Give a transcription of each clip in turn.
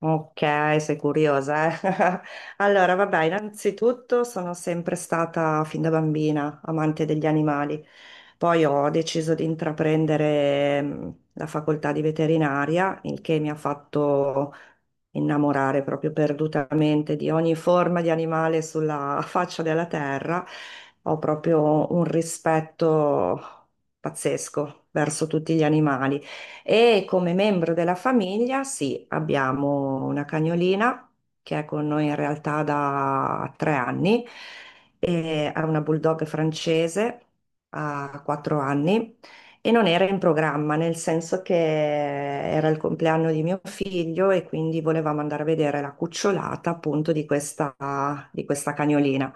Ok, sei curiosa, eh? Allora, vabbè, innanzitutto sono sempre stata fin da bambina amante degli animali. Poi ho deciso di intraprendere la facoltà di veterinaria, il che mi ha fatto innamorare proprio perdutamente di ogni forma di animale sulla faccia della terra, ho proprio un rispetto pazzesco verso tutti gli animali. E come membro della famiglia, sì, abbiamo una cagnolina che è con noi in realtà da 3 anni, e è una bulldog francese, ha 4 anni e non era in programma, nel senso che era il compleanno di mio figlio e quindi volevamo andare a vedere la cucciolata appunto di questa cagnolina.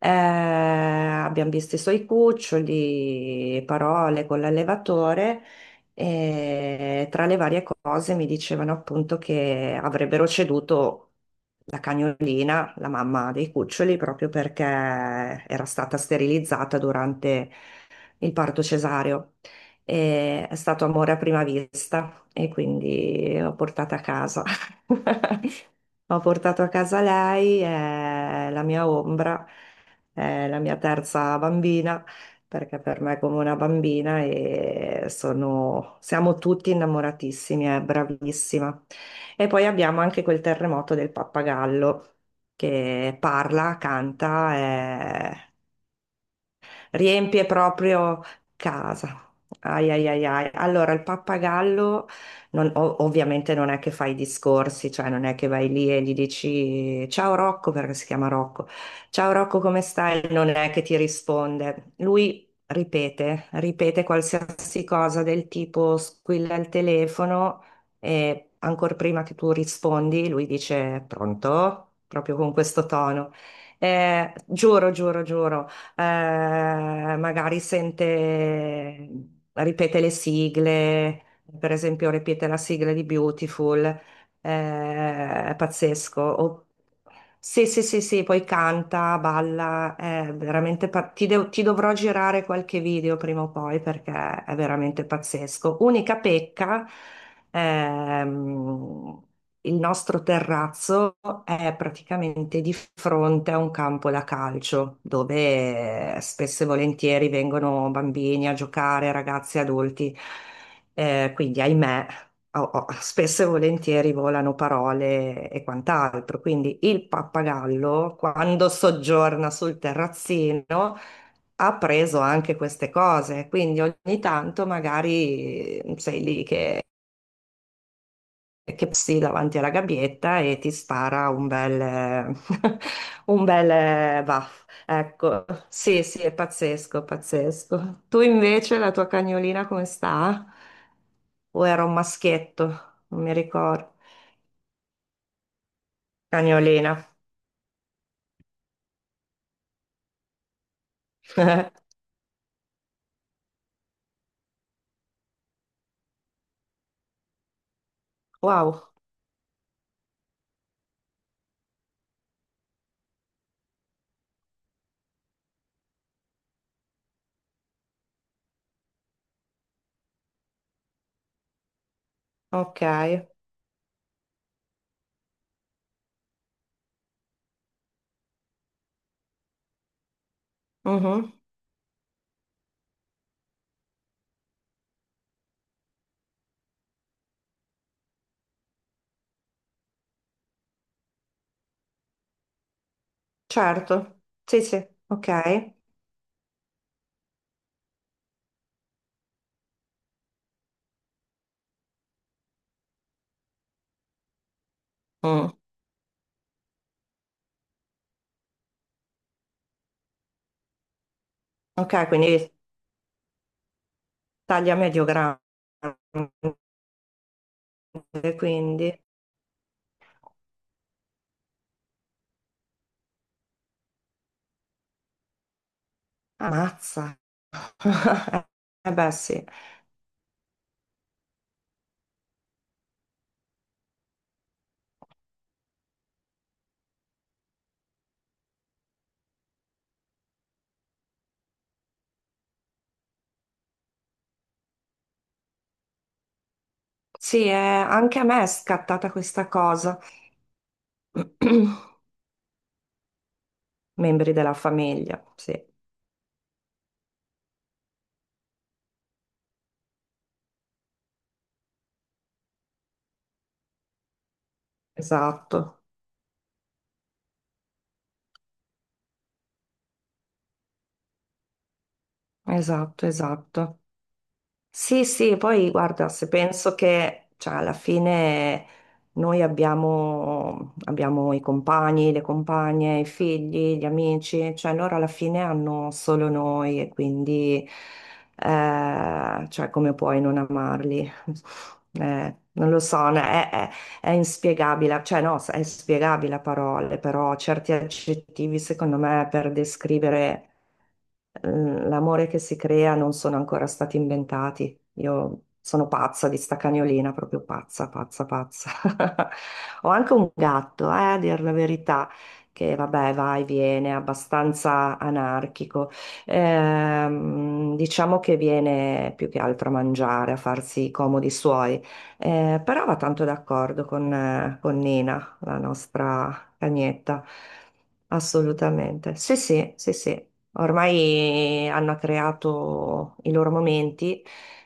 Abbiamo visto i suoi cuccioli, parole con l'allevatore e tra le varie cose mi dicevano appunto che avrebbero ceduto la cagnolina, la mamma dei cuccioli, proprio perché era stata sterilizzata durante il parto cesareo. E è stato amore a prima vista e quindi l'ho portata a casa. Ho portato a casa lei, è la mia ombra, è la mia terza bambina, perché per me è come una bambina e siamo tutti innamoratissimi, è bravissima. E poi abbiamo anche quel terremoto del pappagallo che parla, canta, è riempie proprio casa. Ai ai ai ai. Allora, il pappagallo ovviamente non è che fai i discorsi, cioè non è che vai lì e gli dici ciao Rocco, perché si chiama Rocco, ciao Rocco, come stai? Non è che ti risponde. Lui ripete qualsiasi cosa del tipo squilla il telefono e ancora prima che tu rispondi, lui dice pronto, proprio con questo tono. Giuro, giuro, giuro magari sente, ripete le sigle, per esempio ripete la sigla di Beautiful, è pazzesco. Sì, sì, sì, sì, poi canta, balla, è veramente ti dovrò girare qualche video prima o poi perché è veramente pazzesco. Unica pecca. Ehm, il nostro terrazzo è praticamente di fronte a un campo da calcio dove spesso e volentieri vengono bambini a giocare, ragazzi, adulti. Quindi, ahimè, spesso e volentieri volano parole e quant'altro. Quindi il pappagallo, quando soggiorna sul terrazzino, ha preso anche queste cose, quindi ogni tanto magari sei lì che passi davanti alla gabbietta e ti spara un bel, un bel baff. Ecco, sì, sì, è pazzesco, pazzesco. Tu invece, la tua cagnolina come sta? O era un maschietto? Non mi ricordo. Cagnolina. Wow, ok. Mhm. Certo, sì, sì, ok. Mm. Ok, quindi taglia medio grande, quindi ammazza. Eh beh, sì. Sì, anche a me è scattata questa cosa. Membri della famiglia, sì, esatto, esatto, esatto. Sì, sì, poi guarda, se penso che cioè, alla fine noi abbiamo i compagni, le compagne, i figli, gli amici, cioè loro alla fine hanno solo noi e quindi cioè, come puoi non amarli? Non lo so, no, è inspiegabile, cioè no, è spiegabile a parole, però certi aggettivi secondo me per descrivere L'amore che si crea non sono ancora stati inventati. Io sono pazza di sta cagnolina, proprio pazza, pazza, pazza. Ho anche un gatto, a dir la verità, che vabbè, va e viene, è abbastanza anarchico. Diciamo che viene più che altro a mangiare, a farsi i comodi suoi. Però va tanto d'accordo con Nina, la nostra cagnetta. Assolutamente. Sì, sì, sì, sì. Ormai hanno creato i loro momenti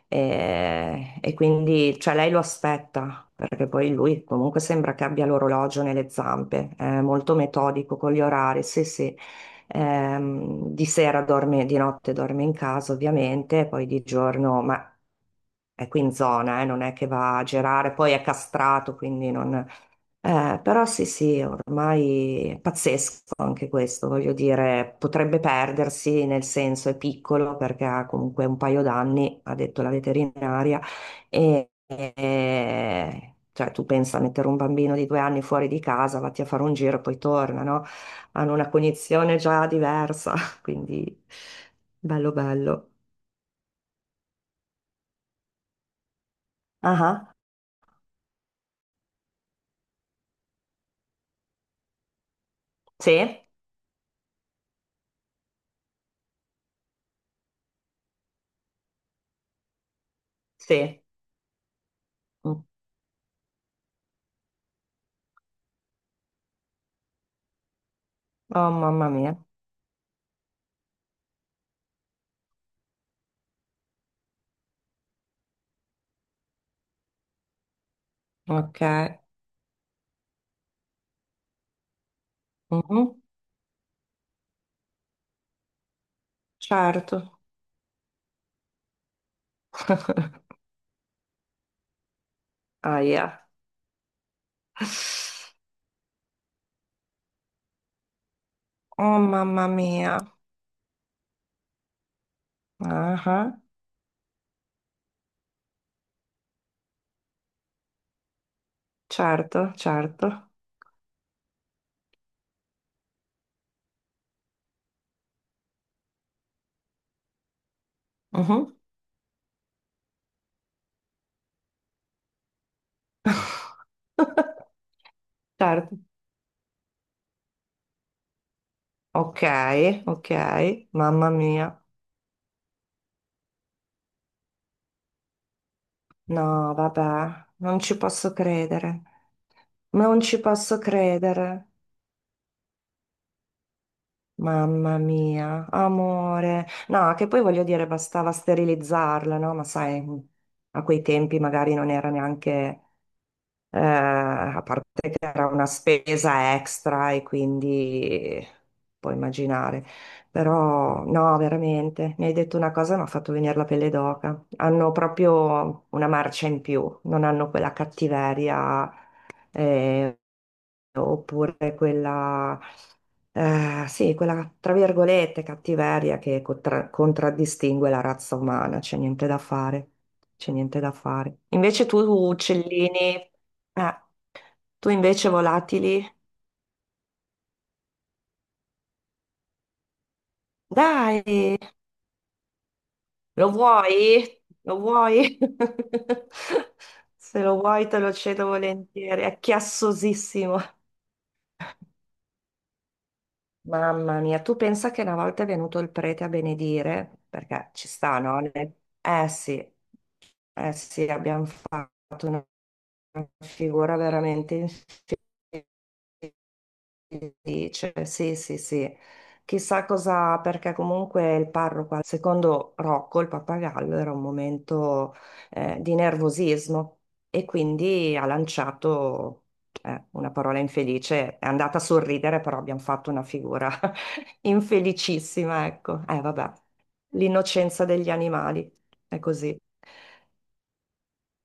e, quindi cioè lei lo aspetta, perché poi lui comunque sembra che abbia l'orologio nelle zampe, è molto metodico con gli orari, sì sì. Di sera dorme, di notte dorme in casa ovviamente, poi di giorno, ma è qui in zona, non è che va a girare, poi è castrato, quindi non però sì, sì, ormai è pazzesco anche questo, voglio dire, potrebbe perdersi, nel senso è piccolo perché ha comunque un paio d'anni, ha detto la veterinaria, cioè tu pensa a mettere un bambino di 2 anni fuori di casa, vatti a fare un giro e poi torna, no? Hanno una cognizione già diversa, quindi bello bello. Ah, ah. Sì, sì. Mm. Oh mamma mia, ok. Mhm. Certo. Aia. Oh mamma mia. Ah, ah. Certo, certo. Mhm. Certo. Ok, ok. Mamma mia. No, vabbè, non ci posso credere. Non ci posso credere. Mamma mia, amore. No, che poi voglio dire, bastava sterilizzarla, no? Ma sai, a quei tempi magari non era neanche a parte che era una spesa extra e quindi puoi immaginare. Però no, veramente, mi hai detto una cosa, mi ha fatto venire la pelle d'oca. Hanno proprio una marcia in più, non hanno quella cattiveria eh, oppure quella, sì, quella tra virgolette cattiveria che contraddistingue la razza umana, c'è niente da fare, c'è niente da fare. Invece tu, uccellini... eh, tu invece volatili? Dai, lo vuoi? Lo vuoi? Se lo vuoi te lo cedo volentieri, è chiassosissimo. Mamma mia, tu pensa che una volta è venuto il prete a benedire, perché ci sta, no? Eh sì, eh sì, abbiamo fatto una figura veramente infame. Sì, cioè, sì, sì, sì. Chissà cosa, perché comunque il parroco, secondo Rocco, il pappagallo, era un momento di nervosismo e quindi ha lanciato una parola infelice. È andata a sorridere, però abbiamo fatto una figura infelicissima, ecco. Vabbè, l'innocenza degli animali, è così.